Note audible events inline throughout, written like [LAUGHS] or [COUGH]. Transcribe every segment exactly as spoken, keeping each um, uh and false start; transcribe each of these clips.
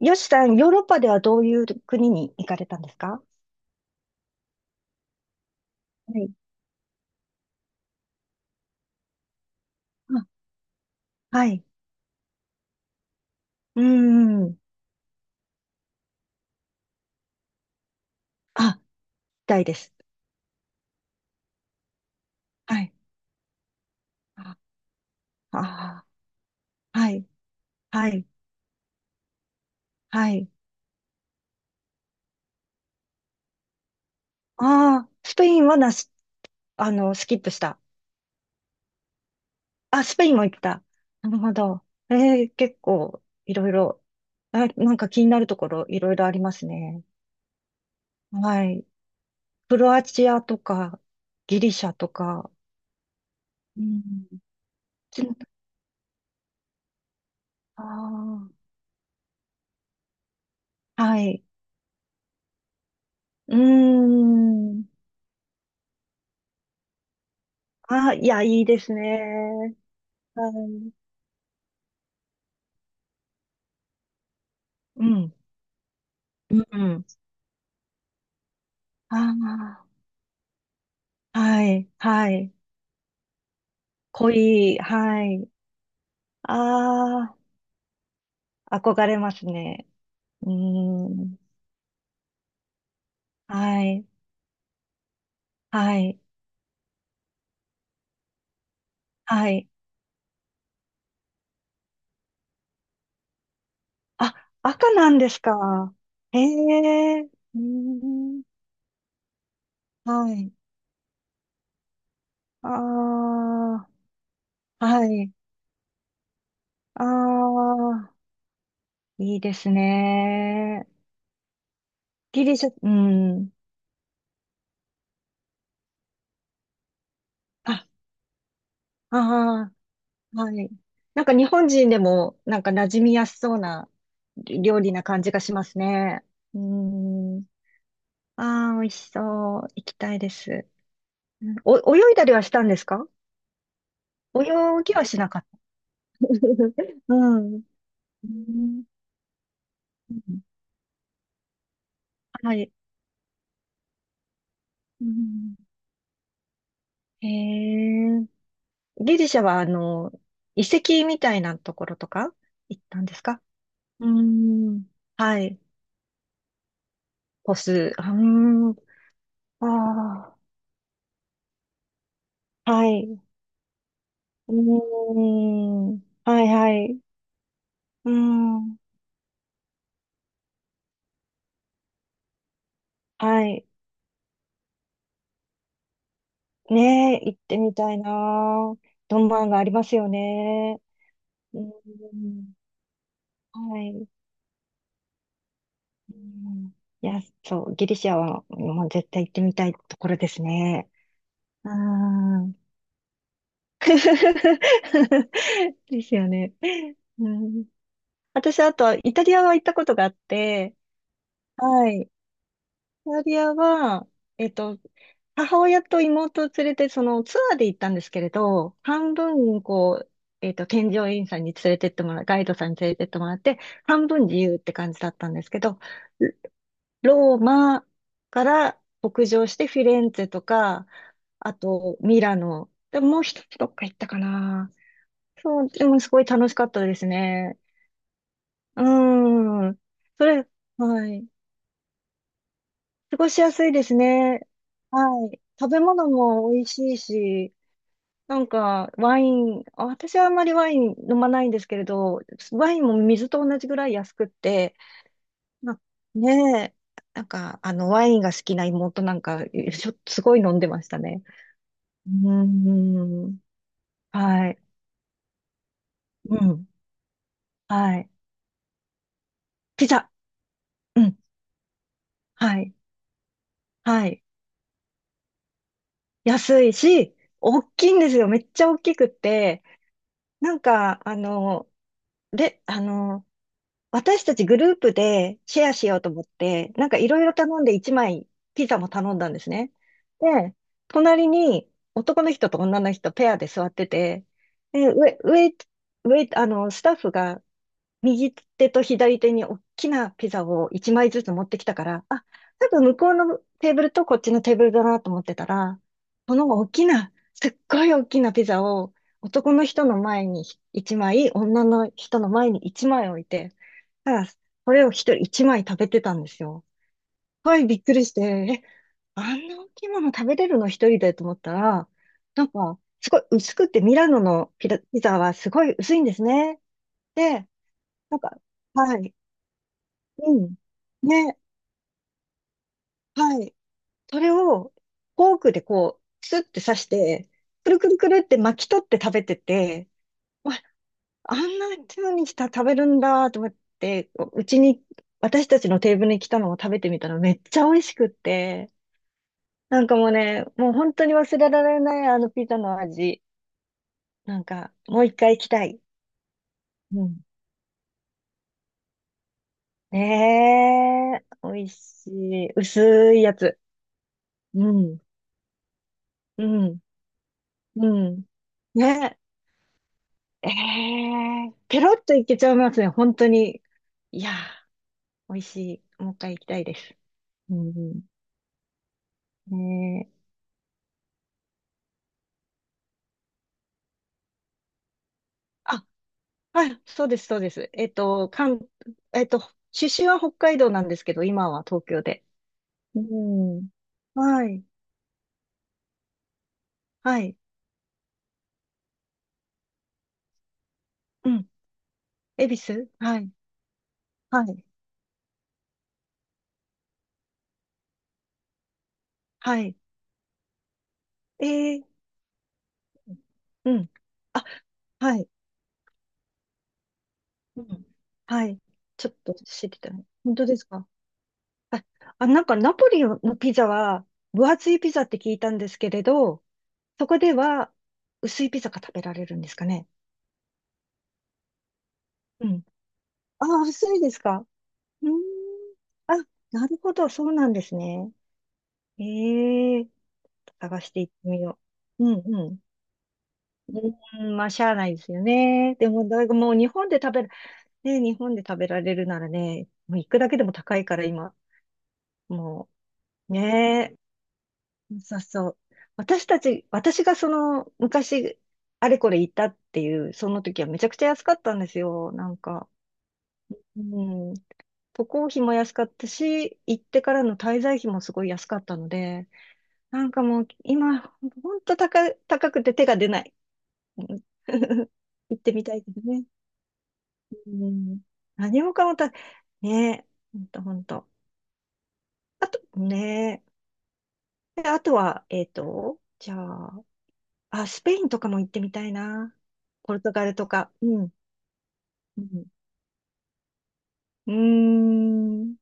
よしさん、ヨーロッパではどういう国に行かれたんですか？はい。あ、はい。うーん。あ、行たいです。はい。あああ、はい。はい。はい。ああ、スペインはなし、あの、スキップした。あ、スペインも行った。なるほど。えー、結構、いろいろ、あ、なんか気になるところ、いろいろありますね。はい。クロアチアとか、ギリシャとか、うん。ちああ、はい。うーん。ああ、いや、いいですね。はい。うん。うん。ああ、はい、はい。濃い、はい。ああ、憧れますね。うーん。はい、はい、はい。あ、赤なんですか？へえ、うーん。はい。ああ、はい。ああ、いいですね。ギリシャ、うん。あ、あはい。なんか日本人でも、なんか馴染みやすそうな料理な感じがしますね。うーん。ああ、美味しそう。行きたいです。うんお、泳いだりはしたんですか？泳ぎはしなかった。[LAUGHS] うん。うん、はい。うん、へえ。ギリシャは、あの、遺跡みたいなところとか行ったんですか？うーん。はい。ポス。うーん。ああ。はい。うーん。はいはい。うーん。はい。ねえ、行ってみたいな。ロマンがありますよね。うーん。はい。うーん、いや、そう、ギリシアはもう絶対行ってみたいところですね。うーん。[LAUGHS] ですよね。うん、私、あと、イタリアは行ったことがあって、はい。イタリアは、えっと、母親と妹を連れて、そのツアーで行ったんですけれど、半分、こう、えっと、添乗員さんに連れてってもらう、ガイドさんに連れてってもらって、半分自由って感じだったんですけど、ローマから北上してフィレンツェとか、あとミラノ、でもう一つどっか行ったかな。そう、でもすごい楽しかったですね。うーん。それ、はい。過ごしやすいですね。はい。食べ物も美味しいし、なんかワイン、あ私はあんまりワイン飲まないんですけれど、ワインも水と同じぐらい安くって、なねえ、なんかあのワインが好きな妹なんか、しょ、すごい飲んでましたね。うーん。はい。うん。はい。ピザ。うん。はい。はい。安いし、大きいんですよ。めっちゃ大きくって、なんか、あの、で、あの、私たちグループでシェアしようと思って、なんかいろいろ頼んでいちまいピザも頼んだんですね。で、隣に男の人と女の人ペアで座ってて、で、上、上、上、あの、スタッフが右手と左手に大きなピザをいちまいずつ持ってきたから、あ、多分向こうのテーブルとこっちのテーブルだなと思ってたら、この大きな、すっごい大きなピザを男の人の前にいちまい、女の人の前にいちまい置いて、ただ、それを一人一枚食べてたんですよ。はい、びっくりして、え、あんな大きいもの食べれるの一人でと思ったら、なんか、すごい薄くて、ミラノのピラ、ピザはすごい薄いんですね。で、なんか、はい、うん、ね、はい。それを、フォークでこう、スッて刺して、くるくるくるって巻き取って食べてて、わあんな風にした、食べるんだと思って、うちに、私たちのテーブルに来たのを食べてみたらめっちゃ美味しくって、なんかもうね、もう本当に忘れられない、あのピザの味。なんか、もう一回行きたい。うん。ねえ、美味しい。薄いやつ。うん、うん、うん。ねえ、えー、ペロッといけちゃいますね、本当に。いやー、美味しい。もう一回行きたいです。うん、ねえ。あ、はい、そうです、そうです。えっと、関、えっと、出身は北海道なんですけど、今は東京で。うん。はい、はい、うん。恵比寿、はい、はい、はい。えー、うん。あ、はい、うん。はい。ちょっと知りたい。本当ですか？あ、あ、なんかナポリのピザは、分厚いピザって聞いたんですけれど、そこでは薄いピザが食べられるんですかね。うん。あ、薄いですか？うーん。あ、なるほど、そうなんですね。ええ、探していってみよう。うんうん。うーん、まあ、しゃあないですよね。でも、だいぶもう日本で食べる、ね、日本で食べられるならね、もう行くだけでも高いから今、もう、ねえ、そうそう。私たち、私がその、昔、あれこれ行ったっていう、その時はめちゃくちゃ安かったんですよ、なんか。うん。渡航費も安かったし、行ってからの滞在費もすごい安かったので、なんかもう今、ほんと高、高くて手が出ない。うん [LAUGHS] 行ってみたいけどね。うん。何もかもた、ねえ、ほんとほんと。あと、ねえ。であとは、えっと、じゃあ、あ、スペインとかも行ってみたいな。ポルトガルとか。うん。うん。うーん。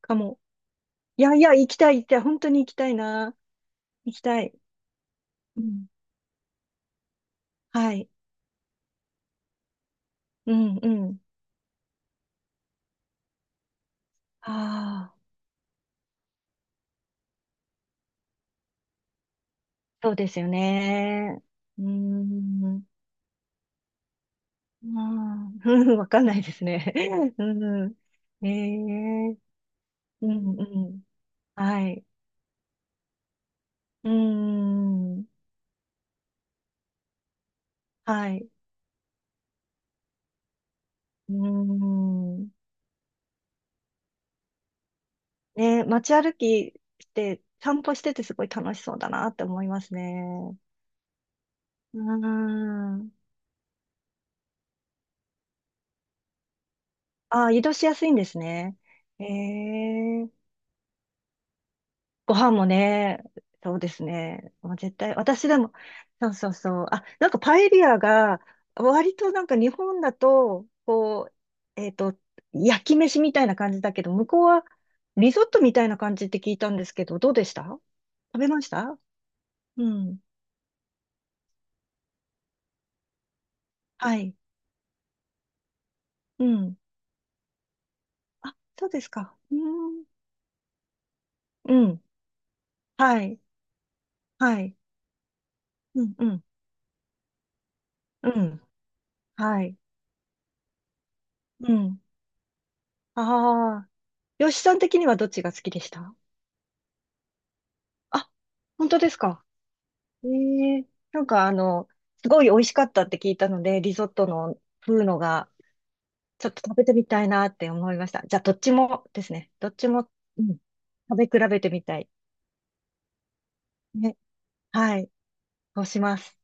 かも。いやいや、行きたい、行きたい。本当に行きたいな。行きたい。うん。はい。うん、うん。ああ、そうですよね。うーん。ああ、うん [LAUGHS] わかんないですね。[LAUGHS] うん、ええ、うん、うん。はい。うん。はい。うん。ね、街歩きして、散歩しててすごい楽しそうだなって思いますね。うん。ああ、移動しやすいんですね。ええ、ご飯もね、そうですね。もう絶対、私でも、そうそうそう。あ、なんかパエリアが、割となんか日本だと、こう、えっと、焼き飯みたいな感じだけど、向こうはリゾットみたいな感じって聞いたんですけど、どうでした？食べました？うん。はい。うん。あ、そうですか。うん。うん。はい。はい。うん。うん。うん。はい。うん。ああ。吉さん的にはどっちが好きでした？あ、本当ですか？ええ、なんかあの、すごい美味しかったって聞いたので、リゾットの風のが、ちょっと食べてみたいなって思いました。じゃあ、どっちもですね。どっちも、うん、食べ比べてみたい。ね。はい。そうします。